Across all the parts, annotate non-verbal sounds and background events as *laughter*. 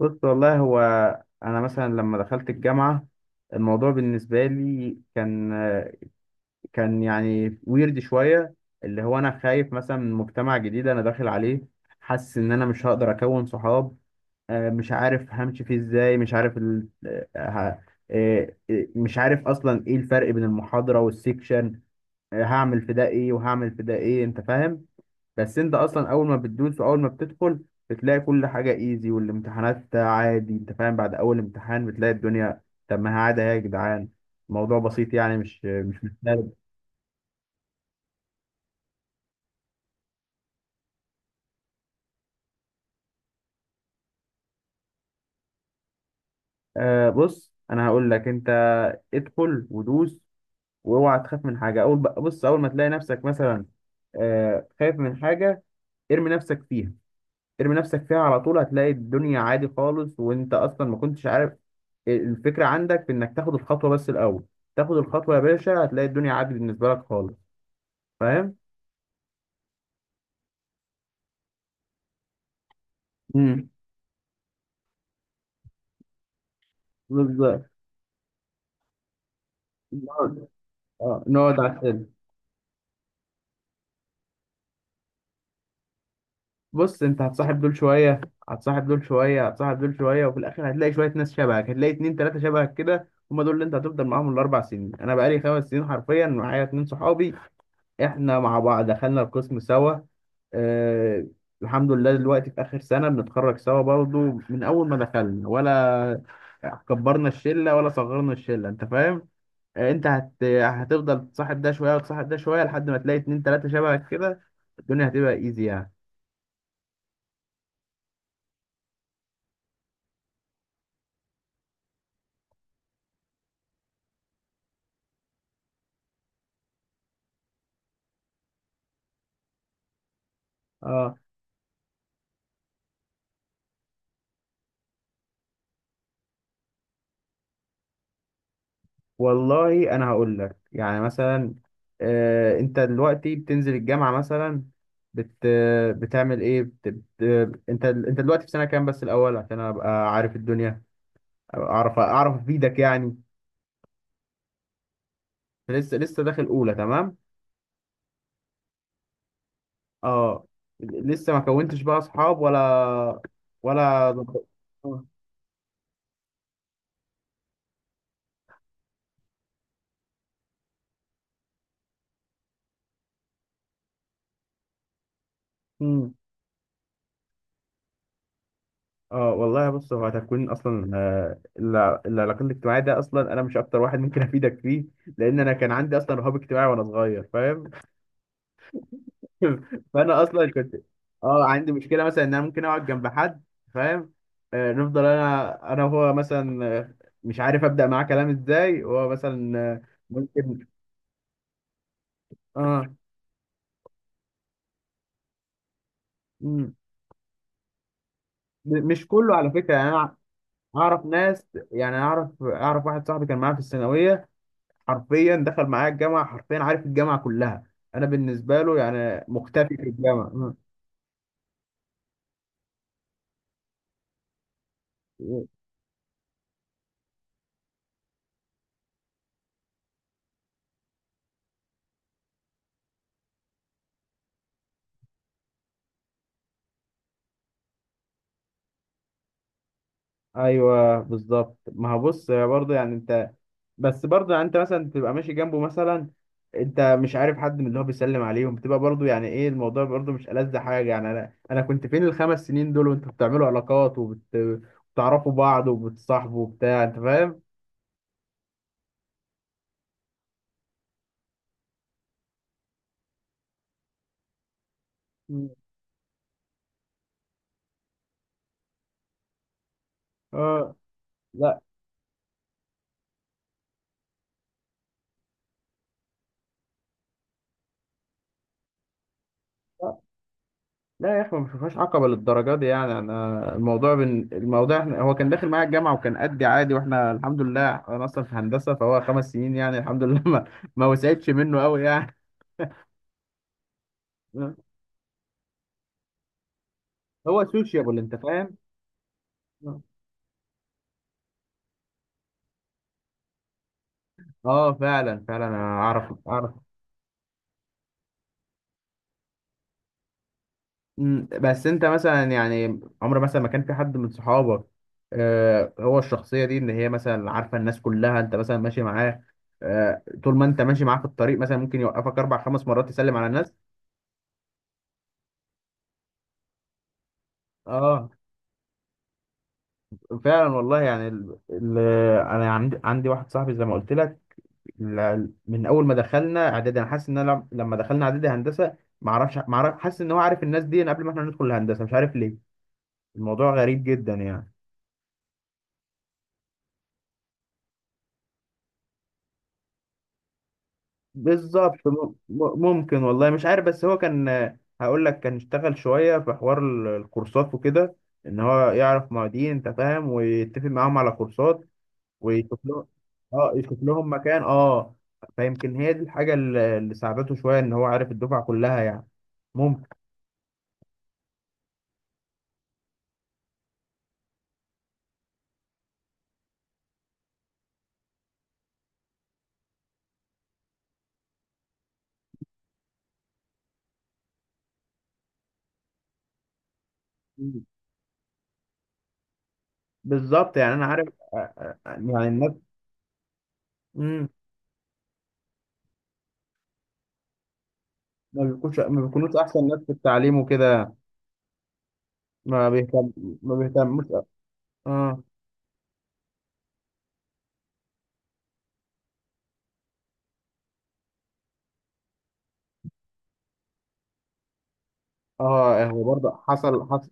بص، والله هو انا مثلا لما دخلت الجامعه الموضوع بالنسبه لي كان يعني ويرد شويه، اللي هو انا خايف مثلا من مجتمع جديد انا داخل عليه، حاسس ان انا مش هقدر اكون صحاب. مش عارف همشي فيه ازاي، مش عارف ال... آه، ه- آه، آه، مش عارف اصلا ايه الفرق بين المحاضره والسيكشن. هعمل في ده ايه وهعمل في ده ايه؟ انت فاهم؟ بس انت اصلا اول ما بتدوس واول ما بتدخل بتلاقي كل حاجه ايزي والامتحانات عادي، انت فاهم؟ بعد اول امتحان بتلاقي الدنيا. طب ما هي عادي اهي يا جدعان، الموضوع بسيط يعني، مش مختلف. بص، انا هقول لك انت: ادخل ودوس، واوعى تخاف من حاجه. اول بص، اول ما تلاقي نفسك مثلا خايف من حاجه، ارمي نفسك فيها. ارمي نفسك فيها على طول هتلاقي الدنيا عادي خالص، وانت اصلا ما كنتش عارف. الفكرة عندك في انك تاخد الخطوة بس الاول، تاخد الخطوة يا باشا هتلاقي الدنيا عادي بالنسبة لك خالص. فاهم؟ امم، بالظبط. نقعد، اه نقعد على السلم. بص، انت هتصاحب دول شوية هتصاحب دول شوية هتصاحب دول شوية، وفي الاخر هتلاقي شوية ناس شبهك، هتلاقي اتنين تلاتة شبهك كده، هما دول اللي انت هتفضل معاهم ال4 سنين. انا بقالي 5 سنين حرفيا معايا اتنين صحابي، احنا مع بعض دخلنا القسم سوا. آه. الحمد لله دلوقتي في آخر سنة بنتخرج سوا برضو، من أول ما دخلنا، ولا كبرنا الشلة ولا صغرنا الشلة. أنت فاهم؟ أنت هتفضل تصاحب ده شوية وتصاحب ده شوية لحد ما تلاقي اتنين تلاتة شبهك كده. الدنيا هتبقى إيزي يعني. آه والله أنا هقول لك يعني مثلا، أنت دلوقتي بتنزل الجامعة مثلا، بت... بتعمل إيه؟ بت... بت... أنت أنت دلوقتي في سنة كام بس الأول، عشان أبقى عارف الدنيا، أبقى أعرف أفيدك يعني. لسه داخل اولى، تمام. اه، لسه ما كونتش بقى اصحاب، ولا. آه. مم. اه والله بص، هو تكوين اصلا العلاقات الاجتماعيه ده اصلا انا مش اكتر واحد ممكن افيدك فيه، لان انا كان عندي اصلا رهاب اجتماعي وانا صغير. فاهم؟ *laughs* فانا اصلا كنت اه عندي مشكله مثلا ان انا ممكن اقعد جنب حد، فاهم؟ نفضل انا وهو مثلا، مش عارف ابدا معاه كلام ازاي، وهو مثلا، ممكن. اه، مش كله على فكرة يعني، أنا أعرف ناس. يعني أنا أعرف، واحد صاحبي كان معايا في الثانوية، حرفيا دخل معايا الجامعة، حرفيا عارف الجامعة كلها. أنا بالنسبة له يعني مختفي في الجامعة. م- أيوه بالظبط. ما هو بص برضه، يعني أنت، بس برضه يعني أنت مثلا تبقى ماشي جنبه مثلا، أنت مش عارف حد من اللي هو بيسلم عليهم، بتبقى برضه، يعني إيه الموضوع؟ برضه مش ألذ حاجة يعني. أنا كنت فين ال5 سنين دول وأنتوا بتعملوا علاقات، وبتعرفوا بعض وبتصاحبوا وبتاع. أنت فاهم؟ م. اه، لا لا لا يا اخي، ما فيهاش عقبه للدرجه دي يعني. انا الموضوع احنا، هو كان داخل معايا الجامعه وكان قدي عادي، واحنا الحمد لله انا اصلا في هندسه، فهو 5 سنين يعني الحمد لله، ما وسعتش منه قوي يعني. هو سوشيابل، انت فاهم؟ اه فعلا فعلا، انا اعرف. بس انت مثلا يعني عمر مثلا ما كان في حد من صحابك. هو الشخصيه دي ان هي مثلا عارفه الناس كلها، انت مثلا ماشي معاه، طول ما انت ماشي معاه في الطريق مثلا ممكن يوقفك اربع خمس مرات تسلم على الناس. اه فعلا والله، يعني انا عندي واحد صاحبي زي ما قلت لك، من اول ما دخلنا اعدادي، انا حاسس ان انا لما دخلنا اعدادي هندسه، ما اعرف، حاسس ان هو عارف الناس دي قبل ما احنا ندخل الهندسه، مش عارف ليه. الموضوع غريب جدا يعني. بالظبط، ممكن، والله مش عارف، بس هو كان، هقول لك كان اشتغل شويه في حوار الكورسات وكده، ان هو يعرف معيدين، انت فاهم؟ ويتفق معاهم على كورسات، ويشوف لهم. اه، يشوف لهم مكان. اه، فيمكن هي دي الحاجة اللي ساعدته شوية، ان هو عارف الدفعة كلها يعني. ممكن. مم. بالظبط، يعني انا عارف. يعني الناس. مم، ما بيكونوش احسن ناس في التعليم وكده، ما بيهتم ما بيهتموش. اه. اه هو برضه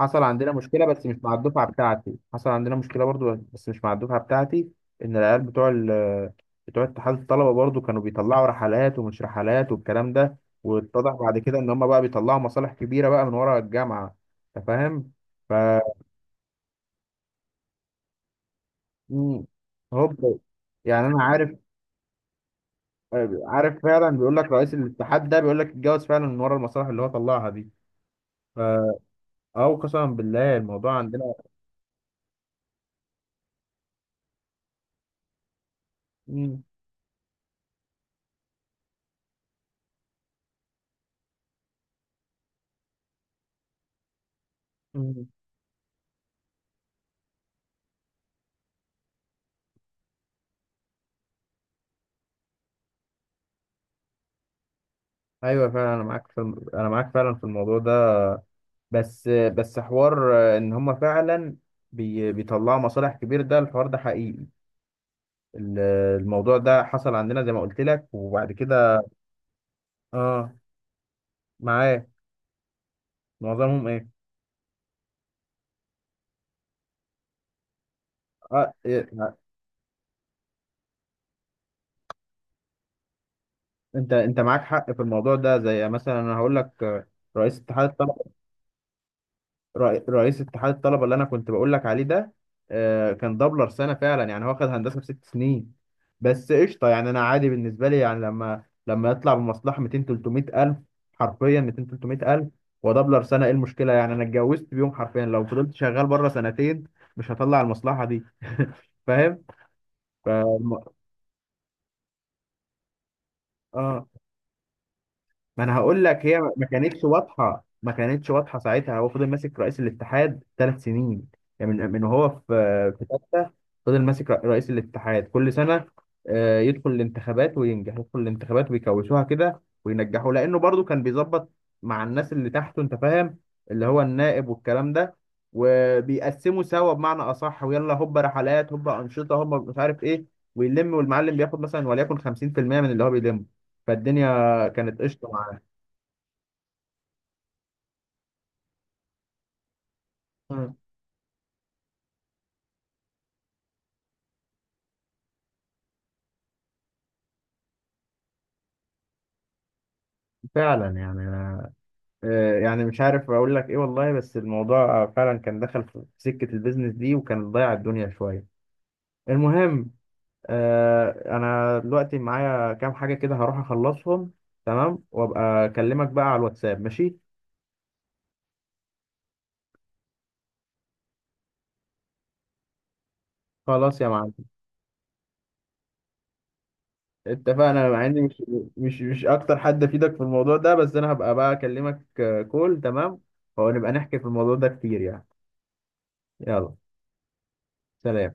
حصل عندنا مشكلة، بس مش مع الدفعة بتاعتي. حصل عندنا مشكلة برضو، بس مش مع الدفعة بتاعتي، إن العيال بتوع اتحاد الطلبة برضو كانوا بيطلعوا رحلات ومش رحلات والكلام ده، واتضح بعد كده إن هما بقى بيطلعوا مصالح كبيرة بقى من ورا الجامعة. أنت فاهم؟ ف مم. هوب. يعني أنا عارف، فعلا بيقول لك رئيس الاتحاد ده، بيقول لك اتجوز فعلا من ورا المصالح اللي هو طلعها دي. ف أو قسما بالله الموضوع عندنا. مم. مم. ايوه فعلا، انا معاك فعلا في الموضوع ده. بس حوار ان هم فعلا بيطلعوا مصالح كبير، ده الحوار ده حقيقي، ال- الموضوع ده حصل عندنا زي ما قلت لك، وبعد كده. اه، معاه. معظمهم ايه؟ اه، إيه، انت معاك حق في الموضوع ده، زي مثلا انا هقول لك، رئيس اتحاد الطلبه، رئيس اتحاد الطلبه اللي انا كنت بقول لك عليه ده، كان دبلر سنه فعلا، يعني هو خد هندسه في 6 سنين، بس قشطه يعني. انا عادي بالنسبه لي يعني، لما يطلع بمصلحه 200 300 الف، حرفيا 200 300 الف، ودبلر سنه، ايه المشكله؟ يعني انا اتجوزت بيوم، حرفيا لو فضلت شغال بره سنتين مش هطلع المصلحه دي *laughs* فاهم؟ فالم... اه ما انا هقول لك، هي ما كانتش واضحه، ما كانتش واضحه ساعتها، هو فضل ماسك رئيس الاتحاد 3 سنين، يعني من وهو في ثالثه، فضل ماسك رئيس الاتحاد كل سنه. يدخل الانتخابات وينجح، يدخل الانتخابات ويكوشوها كده وينجحوا، لانه برضو كان بيظبط مع الناس اللي تحته، انت فاهم؟ اللي هو النائب والكلام ده، وبيقسموا سوا بمعنى اصح. ويلا هوبا رحلات، هوبا انشطه، هوبا مش عارف ايه، ويلم، والمعلم بياخد مثلا وليكن 50% من اللي هو بيلمه. فالدنيا كانت قشطه. مم. فعلا يعني أنا، يعني مش عارف اقول لك ايه والله، بس الموضوع فعلا كان دخل في سكة البيزنس دي، وكان ضيع الدنيا شوية. المهم، انا دلوقتي معايا كام حاجة كده، هروح اخلصهم تمام، وابقى اكلمك بقى على الواتساب، ماشي؟ خلاص يا معلم، اتفقنا مع اني مش اكتر حد افيدك في الموضوع ده، بس انا هبقى بقى اكلمك، كول تمام، ونبقى نحكي في الموضوع ده كتير يعني. يلا، سلام.